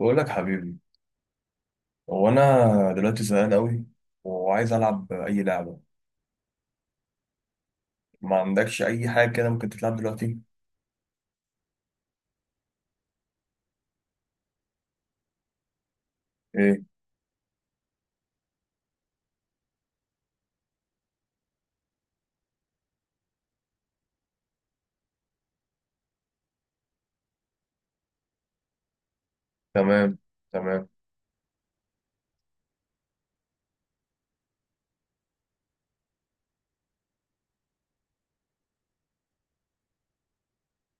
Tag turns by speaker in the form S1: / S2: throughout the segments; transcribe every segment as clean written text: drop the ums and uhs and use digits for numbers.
S1: بقول لك حبيبي. هو انا دلوقتي زهقان قوي، وعايز العب اي لعبه. ما عندكش اي حاجه كده ممكن تتلعب دلوقتي؟ ايه؟ تمام، تمام،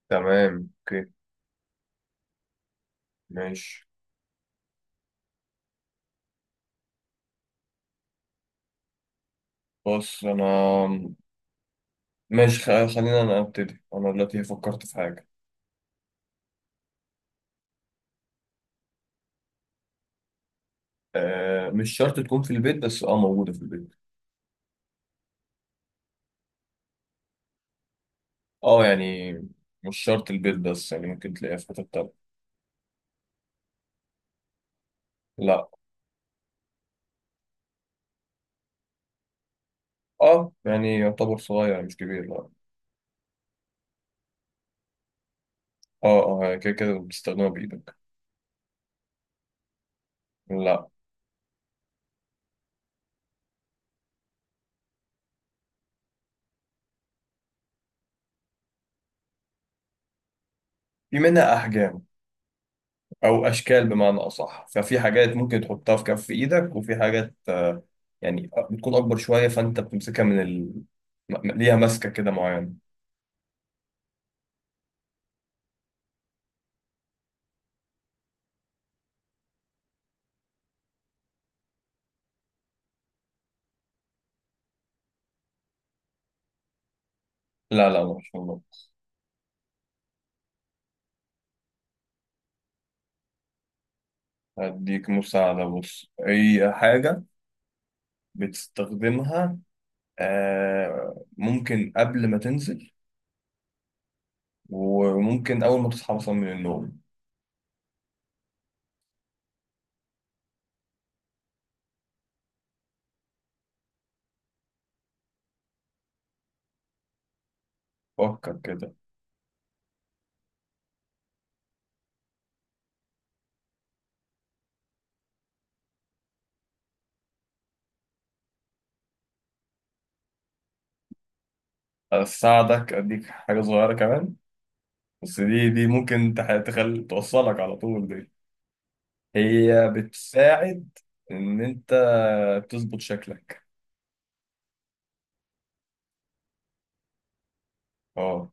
S1: تمام، اوكي، ماشي. بص انا. ماشي، خلينا انا ابتدي، انا دلوقتي فكرت في حاجه. آه، مش شرط تكون في البيت، بس اه موجوده في البيت. اه يعني مش شرط البيت، بس يعني ممكن تلاقيها في حته تانية. لا. اه يعني يعتبر صغير، مش كبير. لا. اه، اه، يعني كده كده بتستخدمها بايدك. لا. في منها احجام او اشكال بمعنى اصح، ففي حاجات ممكن تحطها في كف ايدك، وفي حاجات يعني بتكون اكبر شويه، فانت بتمسكها من ليها ماسكه كده معينه. لا لا، ما شاء الله. هديك مساعده، بص هي حاجه بتستخدمها ممكن قبل ما تنزل، وممكن اول ما تصحى مثلا من النوم. فكر كده. اساعدك، اديك حاجه صغيره كمان، بس دي ممكن توصلك على طول دي. هي بتساعد ان انت تظبط شكلك. اه.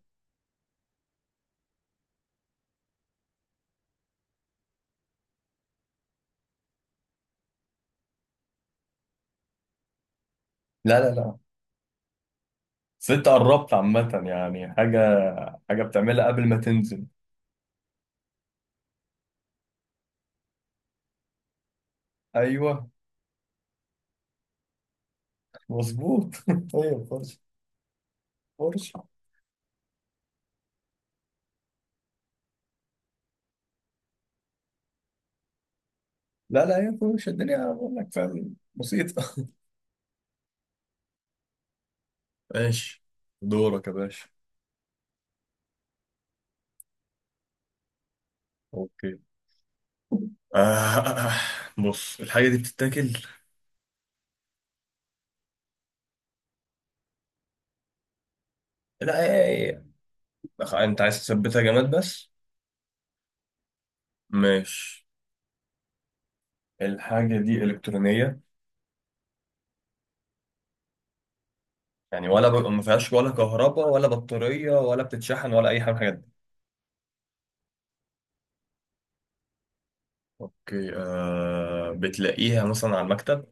S1: لا لا لا. بس انت قربت عامة يعني، حاجة، حاجة بتعملها قبل ما تنزل. ايوه، مظبوط. هي فرشة، فرشة. لا لا، هي فرشة الدنيا، بقول لك. فاهم، بسيطة. ماشي، دورك يا باشا. اوكي. آه آه، بص الحاجة دي بتتاكل؟ لا، انت عايز تثبتها جماد بس؟ ماشي. الحاجة دي إلكترونية؟ يعني ولا ما فيهاش ولا كهرباء ولا بطارية ولا بتتشحن ولا أي حاجة من الحاجات دي؟ أوكي. بتلاقيها مثلا على المكتب؟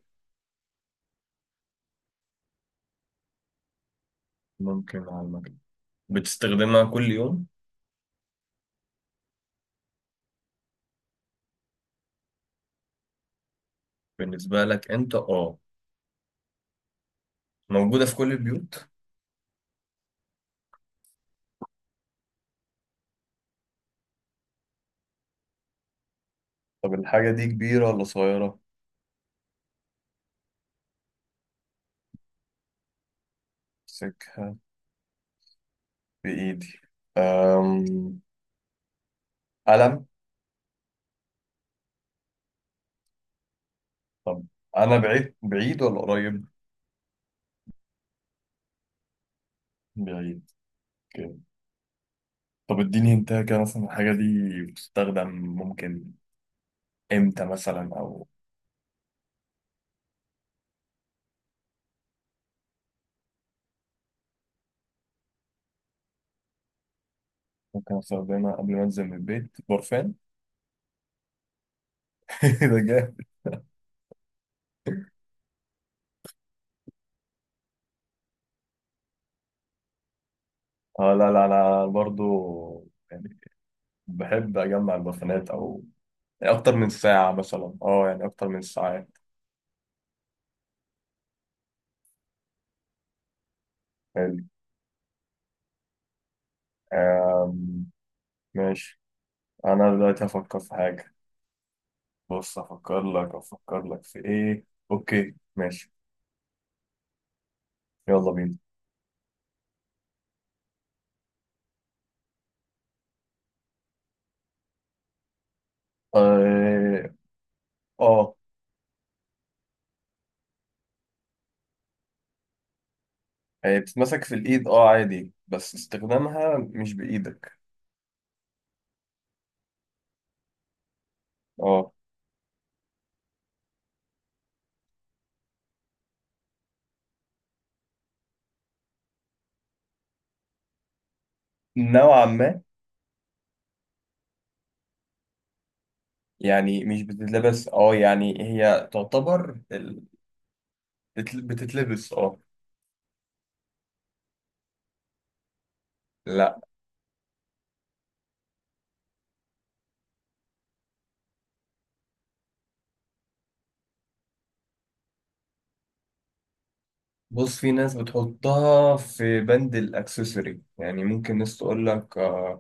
S1: ممكن على المكتب. بتستخدمها كل يوم؟ بالنسبة لك أنت، أه. موجودة في كل البيوت. طب الحاجة دي كبيرة ولا صغيرة؟ أمسكها بإيدي. أم... قلم. طب أنا بعيد، بعيد ولا قريب؟ بعيد. أوكي. طب اديني انت كده مثلا الحاجة دي بتستخدم، ممكن امتى مثلا، او ممكن استخدمها قبل ما انزل من البيت. برفان؟ ده جامد. اه لا لا انا برضو، يعني بحب اجمع البرفانات، او يعني اكتر من ساعة مثلا، اه يعني اكتر من ساعات. حلو. آم، ماشي. انا دلوقتي هفكر في حاجة. بص، هفكر لك في ايه. اوكي ماشي، يلا بينا. اه. آه. هي بتتمسك في الايد، اه عادي، بس استخدامها مش بايدك. اه. نوعا ما، يعني مش بتتلبس، اه يعني هي تعتبر بتتلبس، اه. لا. بص، في ناس بتحطها في بند الاكسسوري، يعني ممكن ناس تقول لك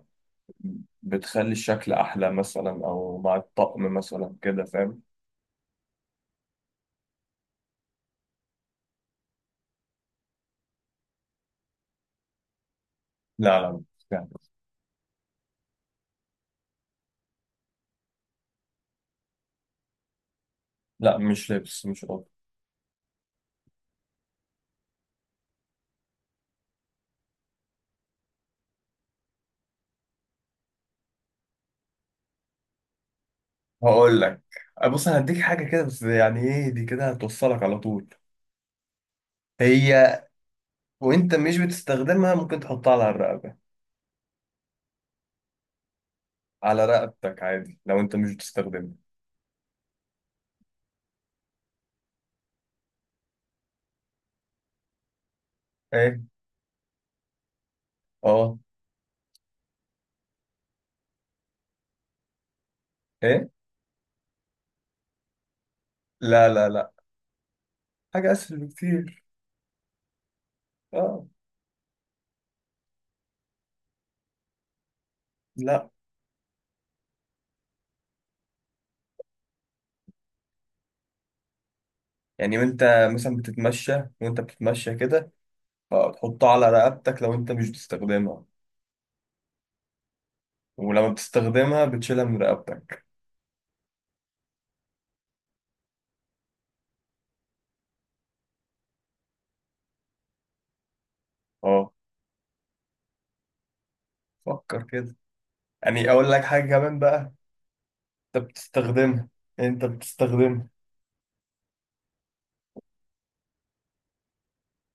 S1: بتخلي الشكل احلى مثلا، او مع الطقم مثلا كده، فاهم. لا لا، مش كده. لا مش لبس، مش قط. هقول لك. بص انا هديك حاجه كده، بس يعني ايه دي كده هتوصلك على طول. هي. وانت مش بتستخدمها ممكن تحطها على الرقبه، على رقبتك عادي لو انت مش بتستخدمها. ايه. اه. ايه. لا لا لا، حاجة اسهل بكتير. اه. لا. يعني وانت مثلا بتتمشى، وانت بتتمشى كده، فتحطها على رقبتك لو انت مش بتستخدمها، ولما بتستخدمها بتشيلها من رقبتك. اه. فكر كده، يعني اقول لك حاجة كمان بقى. انت بتستخدمها، انت بتستخدمها.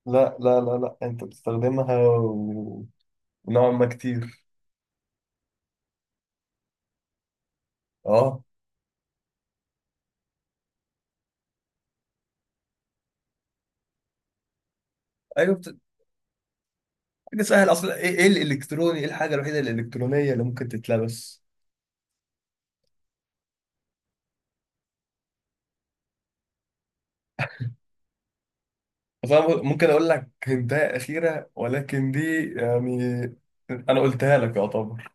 S1: لا لا لا لا، انت بتستخدمها و- ونوعا ما كتير. اه ايوه حاجة سهلة اصلا. ايه، الالكتروني، ايه الحاجة الوحيدة الالكترونية اللي ممكن تتلبس؟ فاهم، ممكن اقول لك هنتايه اخيره، ولكن دي يعني انا قلتها لك يعتبر.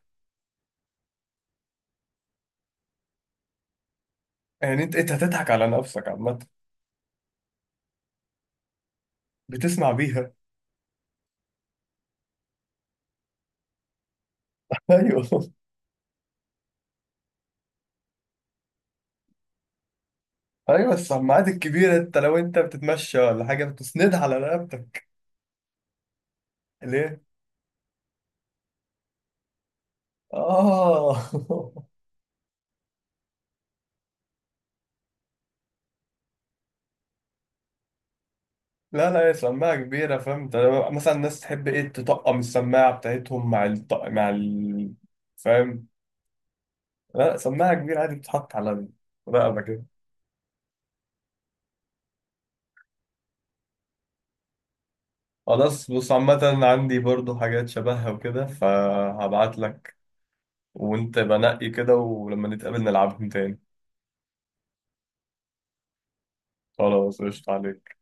S1: يعني انت هتضحك على نفسك عامه. بتسمع بيها. ايوه. ايوه، السماعات الكبيره، انت لو انت بتتمشى ولا حاجه بتسندها على رقبتك. ليه. اه. لا لا، هي سماعه كبيره، فهمت. مثلا الناس تحب ايه، تطقم السماعه بتاعتهم مع مع فاهم. لا سماعه كبيره عادي بتتحط على الرقبه كده. خلاص، بص عامة عندي برضو حاجات شبهها وكده، فهبعت لك وانت بنقي كده، ولما نتقابل نلعبهم تاني. خلاص، قشطة عليك.